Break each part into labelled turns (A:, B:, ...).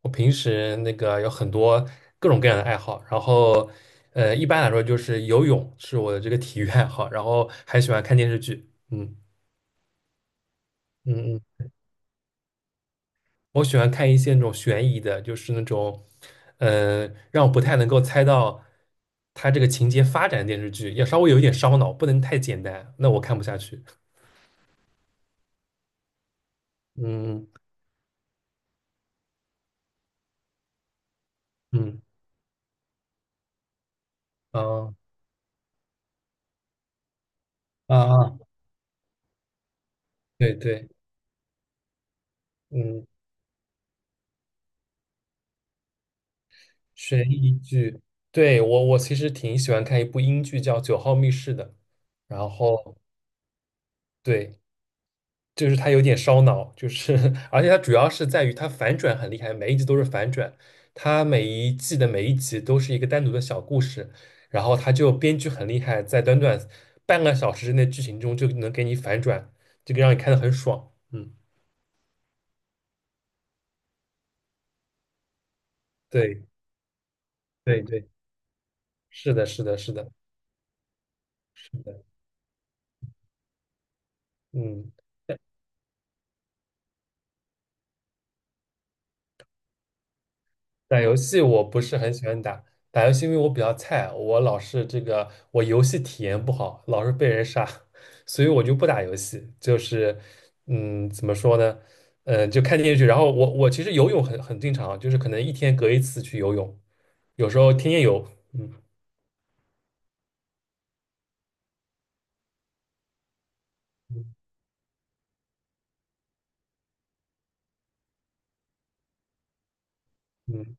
A: 我平时那个有很多各种各样的爱好，然后一般来说就是游泳是我的这个体育爱好，然后还喜欢看电视剧。嗯嗯嗯，我喜欢看一些那种悬疑的，就是那种呃让我不太能够猜到它这个情节发展的电视剧，要稍微有一点烧脑，不能太简单，那我看不下去。嗯嗯啊啊，啊，对对。嗯。悬疑剧，对，我其实挺喜欢看一部英剧叫《九号密室》的。然后对，就是它有点烧脑，就是 而且它主要是在于它反转很厉害，每一集都是反转，它每一季的每一集都是一个单独的小故事，然后它就编剧很厉害，在短短半个小时之内剧情中就能给你反转，这个让你看得很爽。嗯，对对对，是的，是的，是的，是的。嗯。打游戏我不是很喜欢打，打游戏因为我比较菜，我老是这个我游戏体验不好，老是被人杀，所以我就不打游戏。就是怎么说呢？就看电视剧。然后我其实游泳很经常啊，就是可能一天隔一次去游泳，有时候天天游。嗯嗯嗯，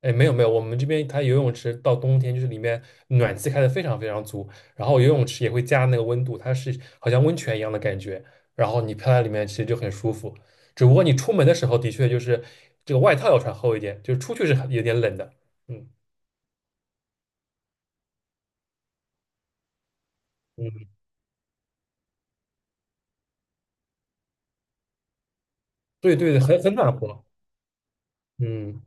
A: 哎，没有没有，我们这边它游泳池到冬天就是里面暖气开的非常非常足，然后游泳池也会加那个温度，它是好像温泉一样的感觉，然后你飘在里面其实就很舒服。只不过你出门的时候的确就是这个外套要穿厚一点，就是出去是很有点冷的。嗯嗯，对对对，很暖和。嗯。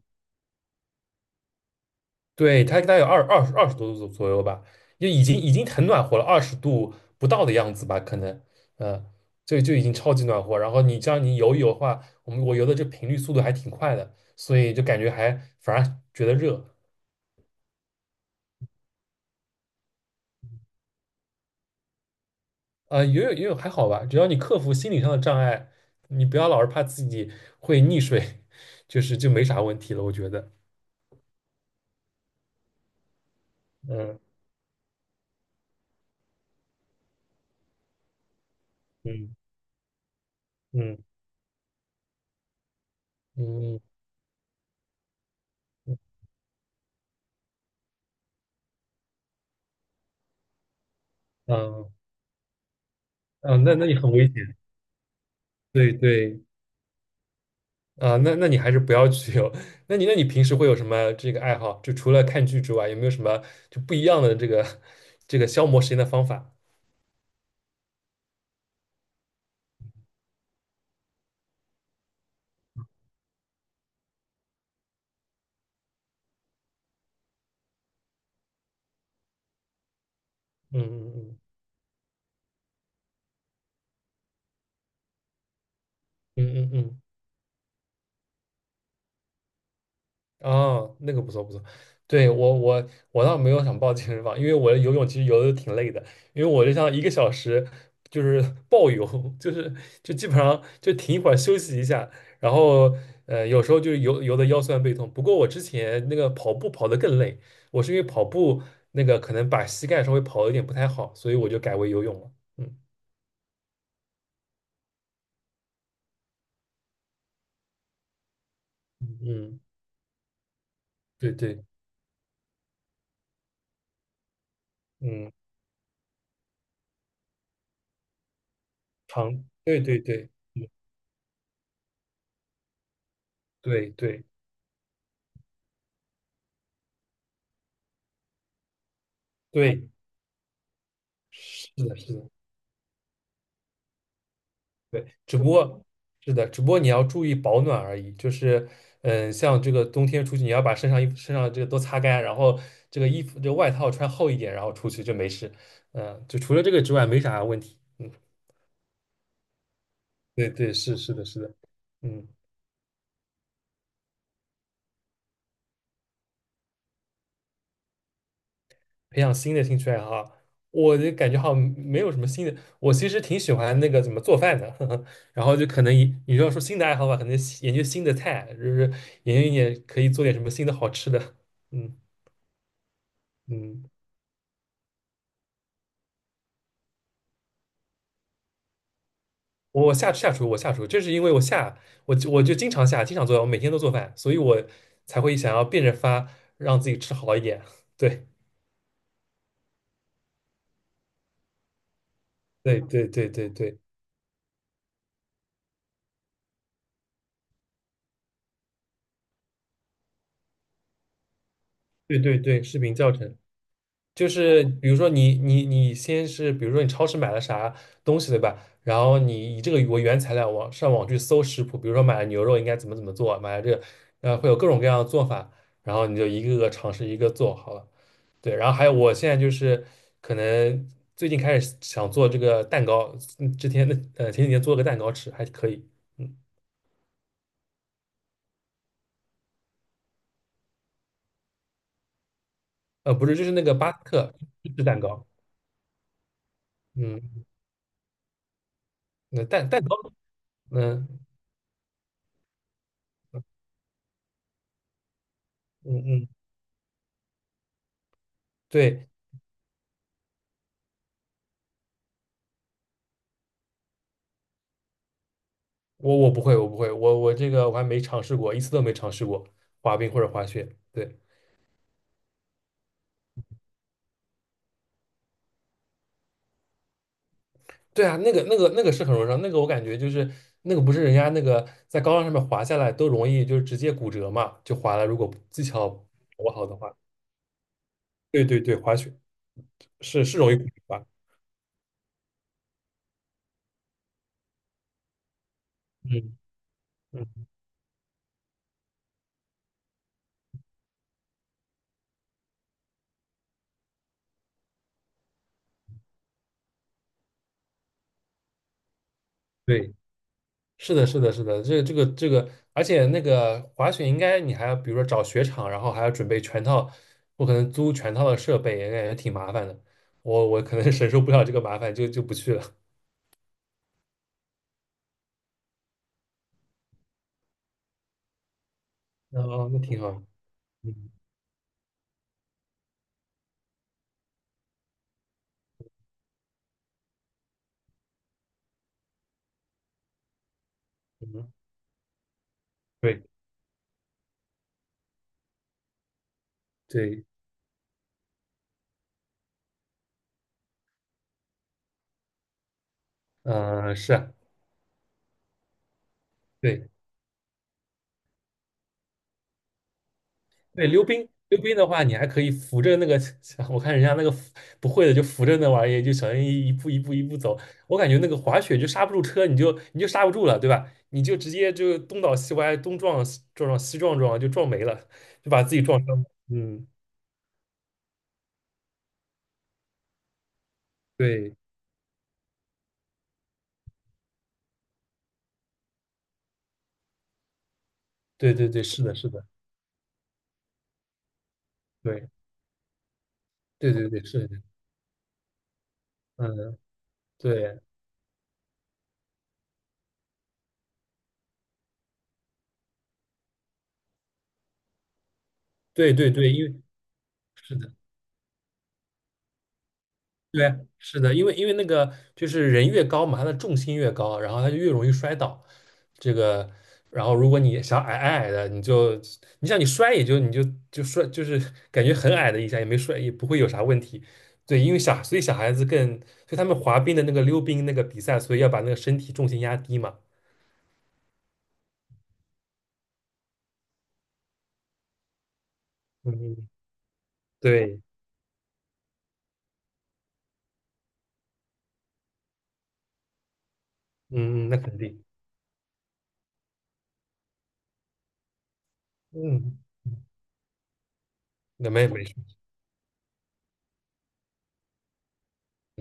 A: 对，它大概有二十多度左右吧，就已经很暖和了，20度不到的样子吧，可能，呃，就已经超级暖和。然后你这样你游一游的话，我游的这频率速度还挺快的，所以就感觉还反而觉得热。游泳游泳还好吧，只要你克服心理上的障碍，你不要老是怕自己会溺水，就是就没啥问题了，我觉得。嗯嗯嗯嗯嗯嗯，那你很危险。对对。啊，那你还是不要去游。那你平时会有什么这个爱好？就除了看剧之外，有没有什么就不一样的这个 这个消磨时间的方法？嗯嗯嗯嗯嗯嗯。哦，那个不错不错，对，我倒没有想报健身房，因为我游泳其实游的挺累的，因为我就像一个小时就是暴游，就是就基本上就停一会儿休息一下，然后有时候就是游游的腰酸背痛。不过我之前那个跑步跑的更累，我是因为跑步那个可能把膝盖稍微跑的有点不太好，所以我就改为游泳了。嗯嗯，对对，嗯，长，对对对。嗯。对对对，是的是的。对，只不过，是的，只不过你要注意保暖而已。就是。嗯，像这个冬天出去，你要把身上衣服、身上这个都擦干，然后这个衣服、这个外套穿厚一点，然后出去就没事。嗯，就除了这个之外，没啥问题。嗯，对对，是是的，是的。嗯。培养新的兴趣爱好，我就感觉好像没有什么新的。我其实挺喜欢那个怎么做饭的，呵呵，然后就可能你要说新的爱好吧，可能研究新的菜，就是研究一点可以做点什么新的好吃的。嗯嗯。我下下厨，我下厨，这是因为我下，我就经常下，经常做饭，我每天都做饭，所以我才会想要变着法让自己吃好一点。对对对对对对对对对，视频教程。就是比如说你先是比如说你超市买了啥东西对吧？然后你以这个为原材料网上网去搜食谱，比如说买了牛肉应该怎么怎么做，买了这个会有各种各样的做法，然后你就一个个尝试一个做好了。对，然后还有我现在就是可能最近开始想做这个蛋糕。嗯之前的前几天做了个蛋糕吃还可以。嗯。不是就是那个巴斯克芝士蛋糕。嗯那蛋糕。嗯嗯嗯，对。我不会，我不会，我这个我还没尝试过，一次都没尝试过滑冰或者滑雪。对。对啊，那个是很容易伤，那个我感觉就是那个不是人家那个在高浪上面滑下来都容易就是直接骨折嘛，就滑了。如果技巧不好的话，对对对，滑雪是容易骨折吧？嗯嗯，对。是的，是的，是的，这个这个这个，而且那个滑雪应该你还要，比如说找雪场，然后还要准备全套，我可能租全套的设备，也感觉挺麻烦的。我可能 承受不了这个麻烦，就不去了。哦，那挺好。嗯嗯，对对，是啊，对。对，溜冰，溜冰的话，你还可以扶着那个，我看人家那个扶不会的就扶着那玩意就小心翼翼一步一步一步走。我感觉那个滑雪就刹不住车，你就刹不住了，对吧？你就直接就东倒西歪，东撞西撞撞西撞撞，就撞没了，就把自己撞伤了。嗯，对对对对，是的，是的，对对对对，是的。嗯。对对对对，因为。是的。对，是的，因为那个就是人越高嘛，他的重心越高，然后他就越容易摔倒。这个，然后如果你想矮矮的，你就你想你摔也就你就摔，就是感觉很矮的一下也没摔，也不会有啥问题。对，因为小所以小孩子更，所以他们滑冰的那个溜冰那个比赛，所以要把那个身体重心压低嘛。嗯，对，嗯，嗯那肯定，嗯，那没事，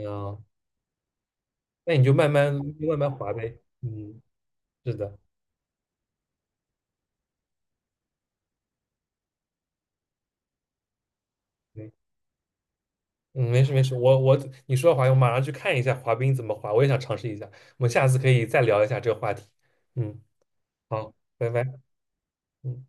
A: 啊。那你就慢慢滑呗。嗯，是的。对。嗯，没事没事，我你说的滑冰，我马上去看一下滑冰怎么滑，我也想尝试一下。我们下次可以再聊一下这个话题。嗯，好，拜拜。嗯。